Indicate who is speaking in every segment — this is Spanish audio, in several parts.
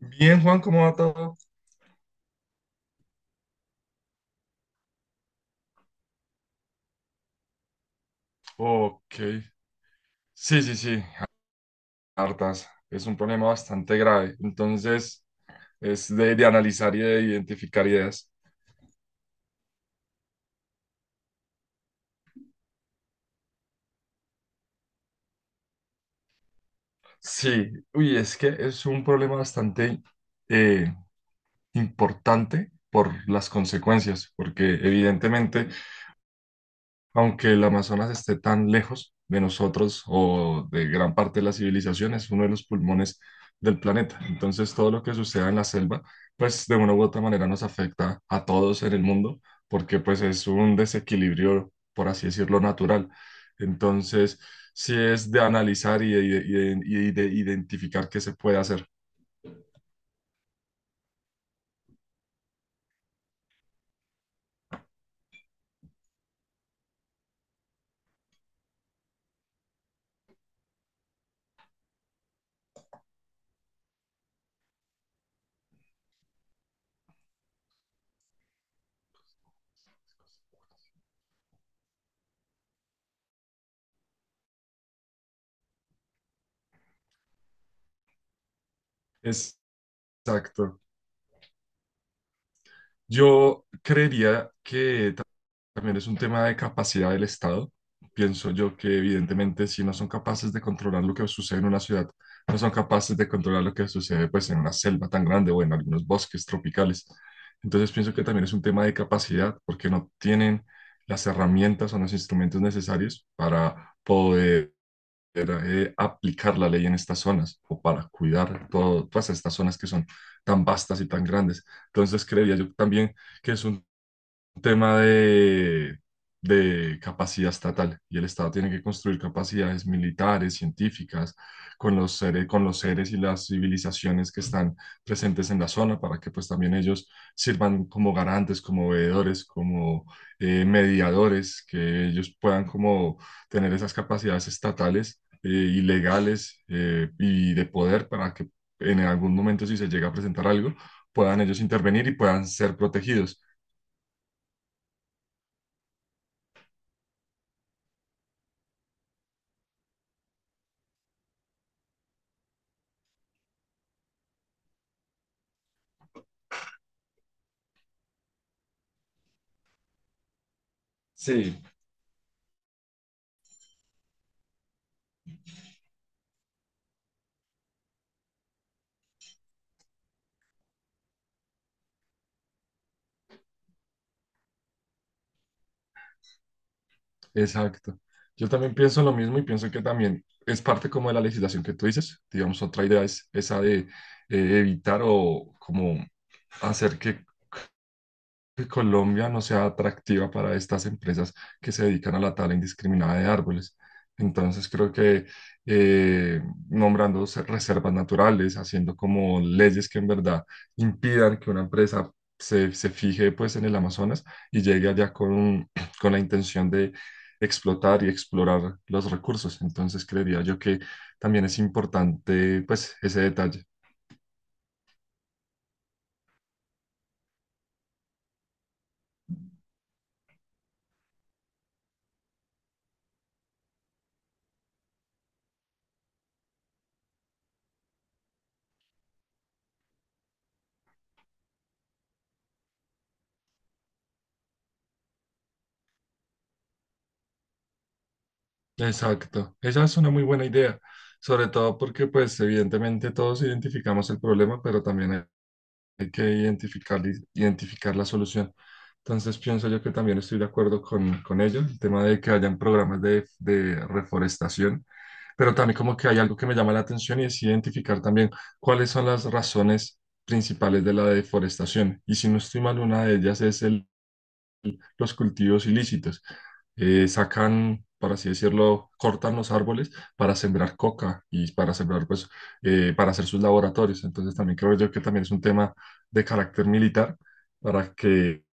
Speaker 1: Bien, Juan, ¿cómo va todo? Ok. Sí, sí, sí, hartas. Es un problema bastante grave. Entonces, es de analizar y de identificar ideas. Sí, uy, es que es un problema bastante eh, importante por las consecuencias, porque evidentemente aunque el Amazonas esté tan lejos de nosotros o de gran parte de la civilización, es uno de los pulmones del planeta. Entonces, todo lo que suceda en la selva, pues de una u otra manera nos afecta a todos en el mundo, porque pues es un desequilibrio, por así decirlo, natural. Entonces, sí es de analizar y de identificar qué se puede hacer. Exacto. Yo creería que también es un tema de capacidad del Estado. Pienso yo que evidentemente si no son capaces de controlar lo que sucede en una ciudad, no son capaces de controlar lo que sucede pues en una selva tan grande o en algunos bosques tropicales. Entonces pienso que también es un tema de capacidad porque no tienen las herramientas o los instrumentos necesarios para poder aplicar la ley en estas zonas o para cuidar todas estas zonas que son tan vastas y tan grandes. Entonces creería yo también que es un tema de capacidad estatal y el Estado tiene que construir capacidades militares, científicas, con los seres y las civilizaciones que están presentes en la zona para que pues también ellos sirvan como garantes, como veedores, como mediadores, que ellos puedan como tener esas capacidades estatales y legales y de poder para que en algún momento si se llega a presentar algo, puedan ellos intervenir y puedan ser protegidos. Sí, exacto. Yo también pienso lo mismo y pienso que también es parte como de la legislación que tú dices. Digamos, otra idea es esa de evitar o como hacer que Colombia no sea atractiva para estas empresas que se dedican a la tala indiscriminada de árboles. Entonces creo que eh, nombrando reservas naturales, haciendo como leyes que en verdad impidan que una empresa se fije pues en el Amazonas y llegue allá con, con la intención de explotar y explorar los recursos. Entonces creería yo que también es importante pues ese detalle. Exacto, esa es una muy buena idea, sobre todo porque pues evidentemente todos identificamos el problema, pero también hay que identificar la solución. Entonces pienso yo que también estoy de acuerdo con ello, el tema de que hayan programas de reforestación, pero también como que hay algo que me llama la atención y es identificar también cuáles son las razones principales de la deforestación. Y si no estoy mal, una de ellas es el los cultivos ilícitos. Sacan, por así decirlo, cortan los árboles para sembrar coca y para sembrar, pues, para hacer sus laboratorios. Entonces también creo yo que también es un tema de carácter militar para que,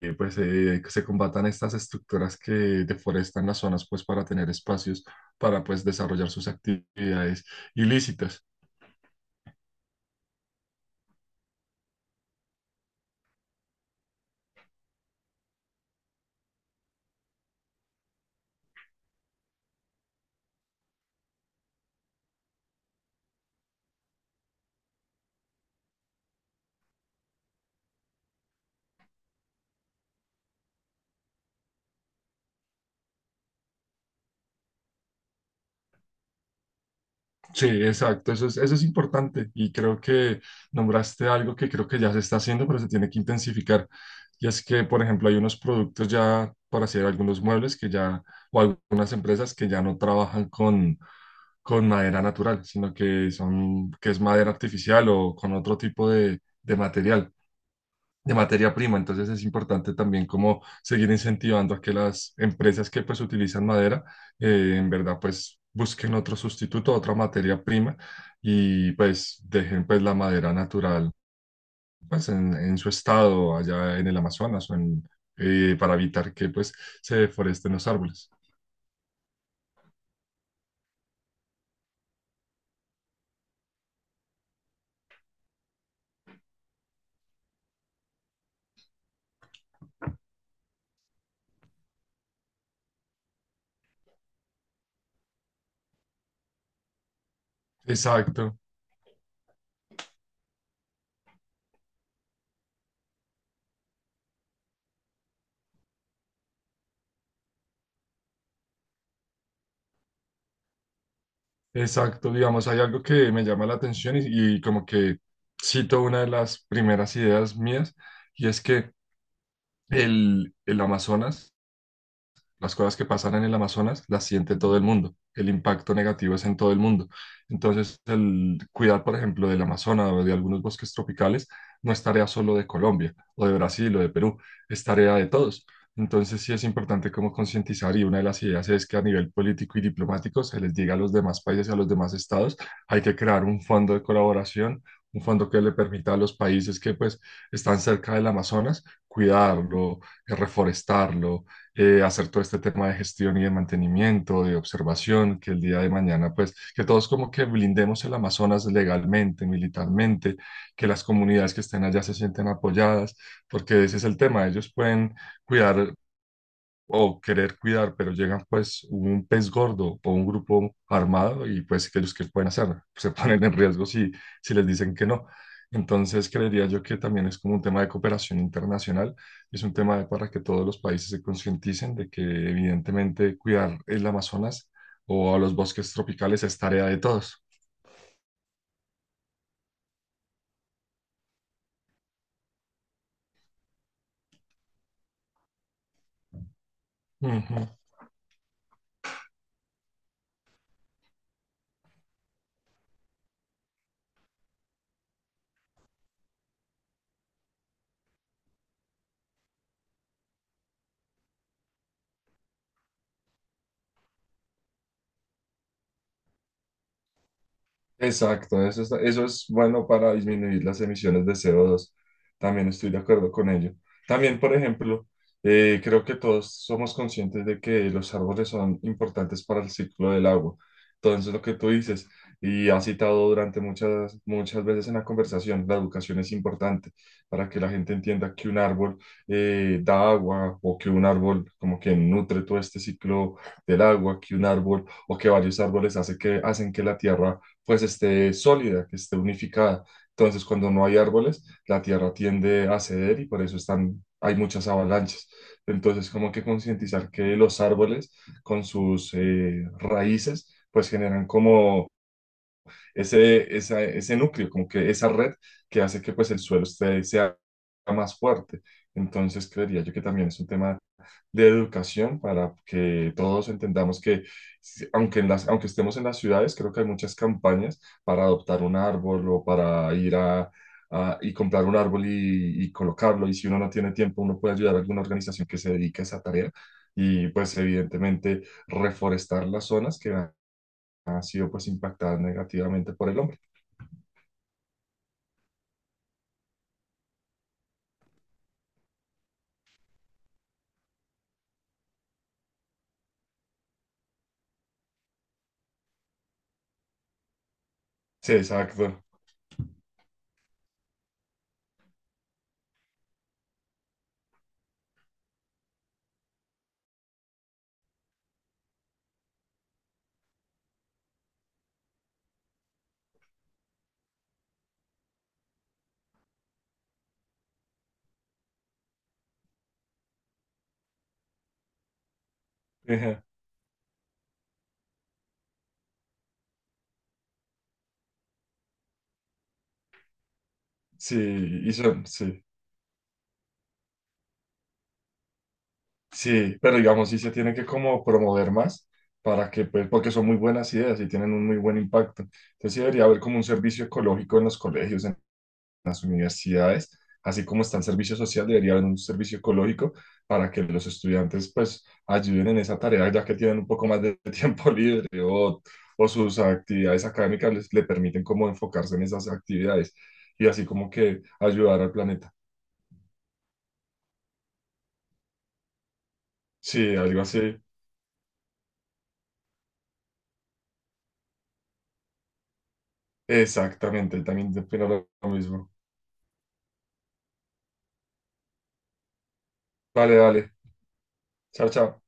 Speaker 1: que se combatan estas estructuras que deforestan las zonas, pues, para tener espacios para, pues, desarrollar sus actividades ilícitas. Sí, exacto, eso es importante y creo que nombraste algo que creo que ya se está haciendo, pero se tiene que intensificar. Y es que, por ejemplo, hay unos productos ya para hacer algunos muebles que ya, o algunas empresas que ya no trabajan con madera natural, sino que son, que es madera artificial o con otro tipo de material de materia prima. Entonces es importante también como seguir incentivando a que las empresas que pues utilizan madera, en verdad pues busquen otro sustituto, otra materia prima y pues dejen pues la madera natural pues en su estado allá en el Amazonas o en, para evitar que pues se deforesten los árboles. Exacto, exacto. Digamos, hay algo que me llama la atención y como que cito una de las primeras ideas mías y es que el Amazonas, las cosas que pasan en el Amazonas las siente todo el mundo. El impacto negativo es en todo el mundo. Entonces, el cuidar, por ejemplo, del Amazonas o de algunos bosques tropicales no es tarea solo de Colombia o de Brasil o de Perú, es tarea de todos. Entonces, sí es importante como concientizar y una de las ideas es que a nivel político y diplomático se les diga a los demás países y a los demás estados, hay que crear un fondo de colaboración, un fondo que le permita a los países que pues están cerca del Amazonas cuidarlo, reforestarlo, hacer todo este tema de gestión y de mantenimiento, de observación, que el día de mañana, pues, que todos como que blindemos el Amazonas legalmente, militarmente, que las comunidades que estén allá se sienten apoyadas, porque ese es el tema, ellos pueden cuidar o querer cuidar, pero llegan pues un pez gordo o un grupo armado y pues ellos que pueden hacer, se ponen en riesgo si, si les dicen que no. Entonces creería yo que también es como un tema de cooperación internacional, es un tema de para que todos los países se concienticen de que evidentemente cuidar el Amazonas o a los bosques tropicales es tarea de todos. Exacto, eso es bueno para disminuir las emisiones de CO2. También estoy de acuerdo con ello. También, por ejemplo, creo que todos somos conscientes de que los árboles son importantes para el ciclo del agua. Entonces, lo que tú dices, y has citado durante muchas veces en la conversación, la educación es importante para que la gente entienda que un árbol da agua o que un árbol como que nutre todo este ciclo del agua, que un árbol o que varios árboles hacen que la tierra pues esté sólida, que esté unificada. Entonces, cuando no hay árboles, la tierra tiende a ceder y por eso hay muchas avalanchas. Entonces, como que concientizar que los árboles con sus raíces, pues generan como ese núcleo, como que esa red que hace que pues el suelo sea más fuerte. Entonces, creería yo que también es un tema de educación para que todos entendamos que, aunque, aunque estemos en las ciudades, creo que hay muchas campañas para adoptar un árbol o para ir y comprar un árbol y colocarlo. Y si uno no tiene tiempo, uno puede ayudar a alguna organización que se dedique a esa tarea. Y pues evidentemente reforestar las zonas que han sido pues impactadas negativamente por el hombre. Sí, exacto. Ejá. Sí, sí. Sí, pero digamos, sí se tiene que como promover más para que, pues, porque son muy buenas ideas y tienen un muy buen impacto. Entonces sí debería haber como un servicio ecológico en los colegios, en las universidades, así como está el servicio social, debería haber un servicio ecológico para que los estudiantes, pues, ayuden en esa tarea, ya que tienen un poco más de tiempo libre o sus actividades académicas le permiten como enfocarse en esas actividades y así como que ayudar al planeta. Sí, algo así. Exactamente, él también opina lo mismo. Vale, vale. Chao, chao.